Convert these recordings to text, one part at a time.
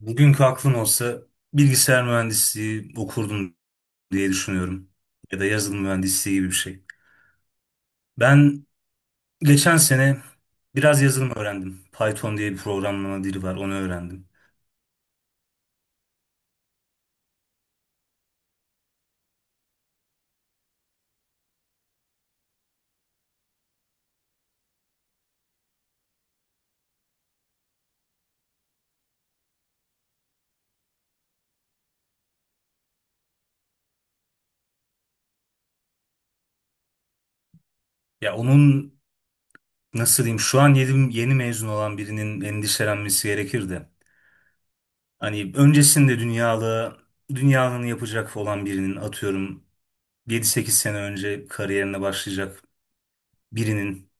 Bugünkü aklım olsa bilgisayar mühendisliği okurdum diye düşünüyorum. Ya da yazılım mühendisliği gibi bir şey. Ben geçen sene biraz yazılım öğrendim. Python diye bir programlama dili var, onu öğrendim. Ya onun nasıl diyeyim şu an yeni, yeni mezun olan birinin endişelenmesi gerekir de. Hani öncesinde dünyalı, dünyanın yapacak olan birinin atıyorum 7-8 sene önce kariyerine başlayacak birinin.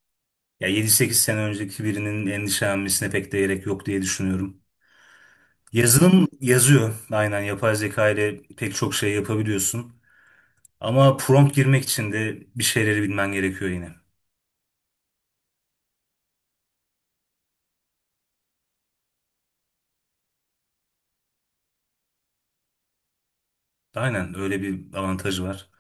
Ya 7-8 sene önceki birinin endişelenmesine pek de gerek yok diye düşünüyorum. Yazılım yazıyor. Aynen yapay zeka ile pek çok şey yapabiliyorsun. Ama prompt girmek için de bir şeyleri bilmen gerekiyor yine. Aynen öyle bir avantajı var.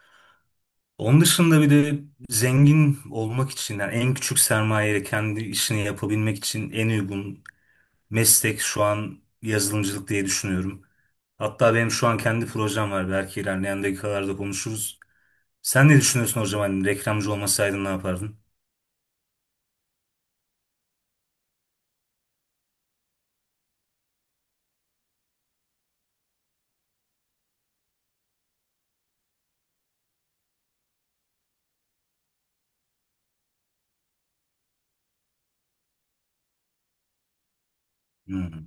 Onun dışında bir de zengin olmak için yani en küçük sermayeyle kendi işini yapabilmek için en uygun meslek şu an yazılımcılık diye düşünüyorum. Hatta benim şu an kendi projem var. Belki ilerleyen dakikalarda konuşuruz. Sen ne düşünüyorsun hocam? Hani reklamcı olmasaydın ne yapardın? Hmm.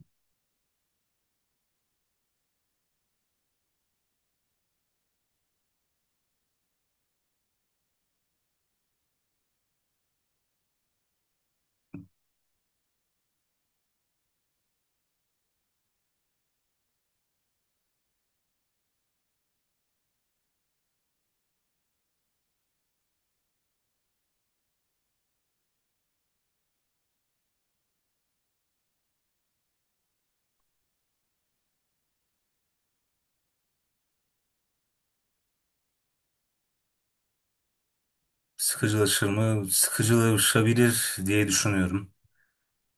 Sıkıcılaşır mı? Sıkıcılaşabilir diye düşünüyorum.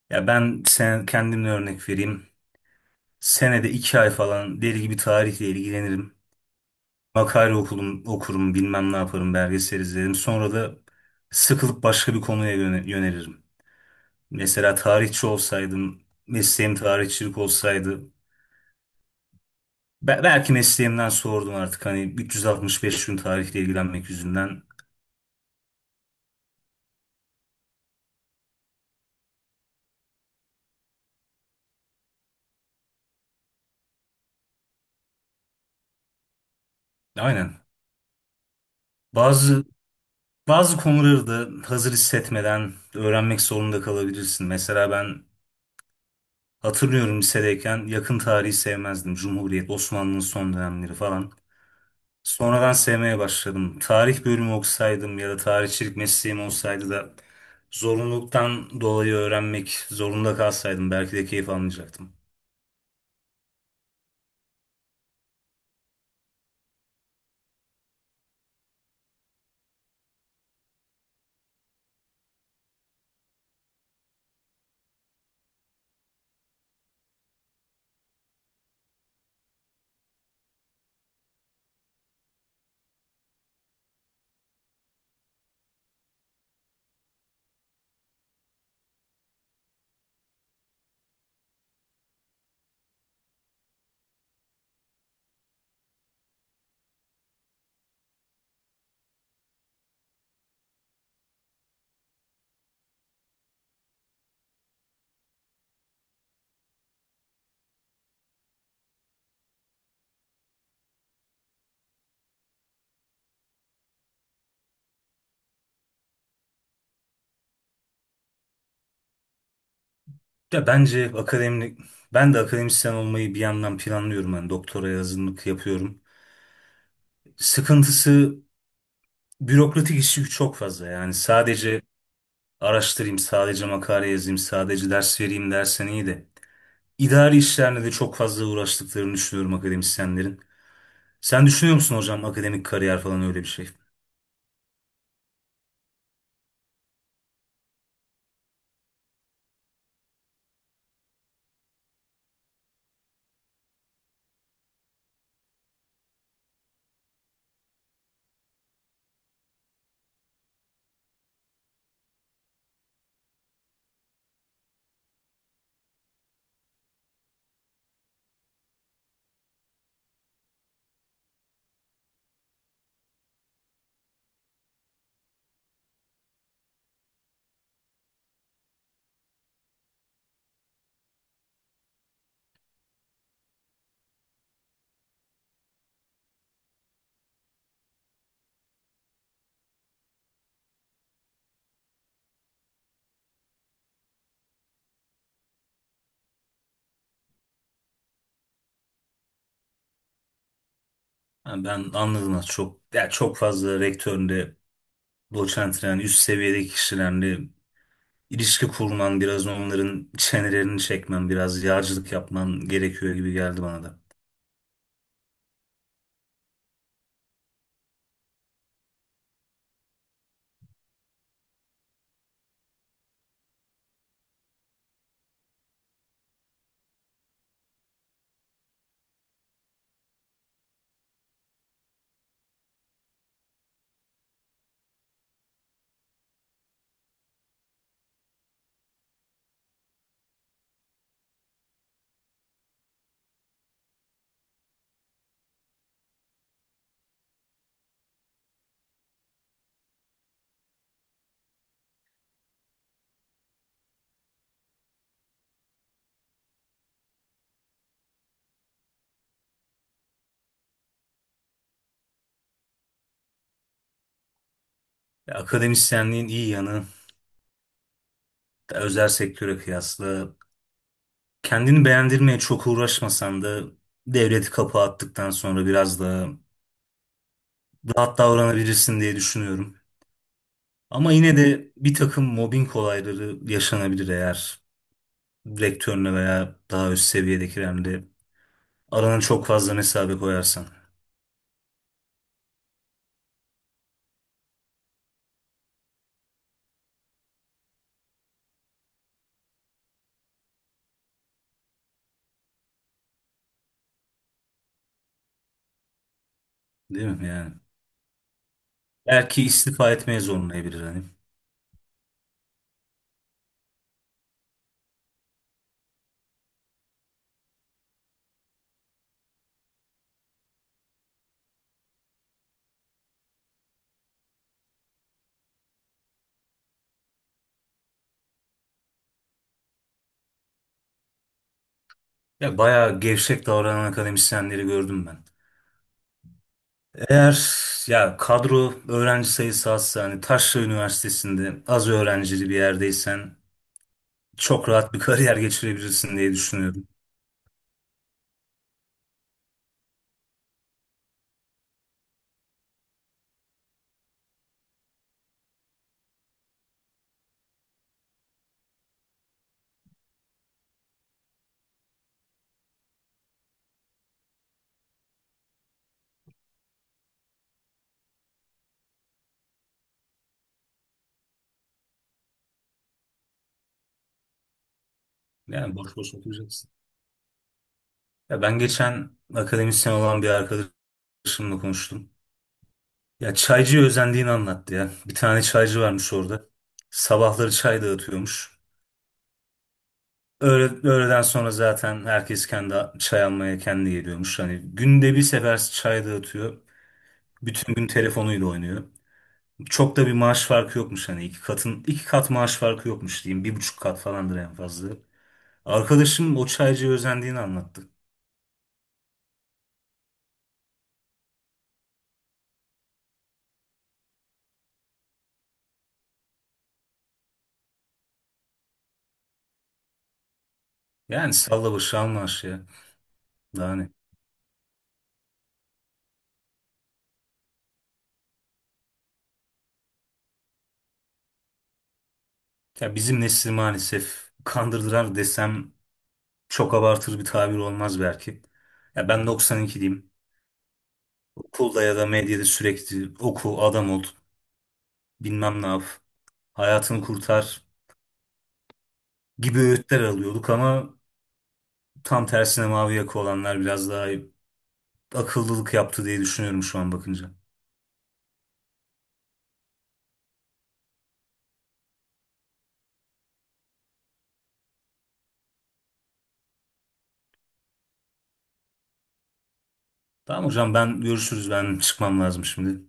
Ya ben kendimle örnek vereyim. Senede 2 ay falan deli gibi tarihle ilgilenirim. Makale okurum, bilmem ne yaparım, belgesel izlerim. Sonra da sıkılıp başka bir konuya yönelirim. Mesela tarihçi olsaydım, mesleğim tarihçilik olsaydı, belki mesleğimden sordum artık hani 365 gün tarihle ilgilenmek yüzünden. Aynen. Bazı Bazı konuları da hazır hissetmeden öğrenmek zorunda kalabilirsin. Mesela ben hatırlıyorum lisedeyken yakın tarihi sevmezdim. Cumhuriyet, Osmanlı'nın son dönemleri falan. Sonradan sevmeye başladım. Tarih bölümü okusaydım ya da tarihçilik mesleğim olsaydı da zorunluluktan dolayı öğrenmek zorunda kalsaydım belki de keyif almayacaktım. Ya bence akademik, ben de akademisyen olmayı bir yandan planlıyorum. Yani doktora hazırlık yapıyorum. Sıkıntısı bürokratik işi çok fazla yani sadece araştırayım, sadece makale yazayım, sadece ders vereyim dersen iyi de. İdari işlerle de çok fazla uğraştıklarını düşünüyorum akademisyenlerin. Sen düşünüyor musun hocam akademik kariyer falan öyle bir şey? Ha, ben anladım az çok. Ya çok fazla rektörle, doçentle yani üst seviyedeki kişilerle ilişki kurman, biraz onların çenelerini çekmen, biraz yağcılık yapman gerekiyor gibi geldi bana da. Ya, akademisyenliğin iyi yanı özel sektöre kıyasla kendini beğendirmeye çok uğraşmasan da devleti kapı attıktan sonra biraz daha rahat davranabilirsin diye düşünüyorum. Ama yine de bir takım mobbing olayları yaşanabilir eğer rektörüne veya daha üst seviyedekilerle arana çok fazla mesafe koyarsan. Değil mi yani? Belki istifa etmeye zorlayabilir hani. Ya bayağı gevşek davranan akademisyenleri gördüm ben. Eğer ya kadro öğrenci sayısı azsa hani Taşra Üniversitesi'nde az öğrencili bir yerdeysen çok rahat bir kariyer geçirebilirsin diye düşünüyorum. Yani boş boş oturacaksın. Ya ben geçen akademisyen olan bir arkadaşımla konuştum. Ya çaycıya özendiğini anlattı ya. Bir tane çaycı varmış orada. Sabahları çay dağıtıyormuş. Öğle, öğleden sonra zaten herkes kendi çay almaya kendi geliyormuş. Hani günde bir sefer çay dağıtıyor. Bütün gün telefonuyla oynuyor. Çok da bir maaş farkı yokmuş hani iki katın iki kat maaş farkı yokmuş diyeyim. 1,5 kat falandır en fazla. Arkadaşım o çaycıya özendiğini anlattı. Yani salla başı anlaş ya. Daha ne? Ya bizim nesil maalesef kandırdılar desem çok abartır bir tabir olmaz belki. Ya ben 92'liyim. Okulda ya da medyada sürekli oku, adam ol, bilmem ne yap, hayatını kurtar gibi öğütler alıyorduk ama tam tersine mavi yaka olanlar biraz daha akıllılık yaptı diye düşünüyorum şu an bakınca. Tamam hocam ben görüşürüz ben çıkmam lazım şimdi.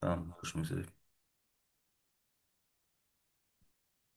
Tamam görüşmek üzere.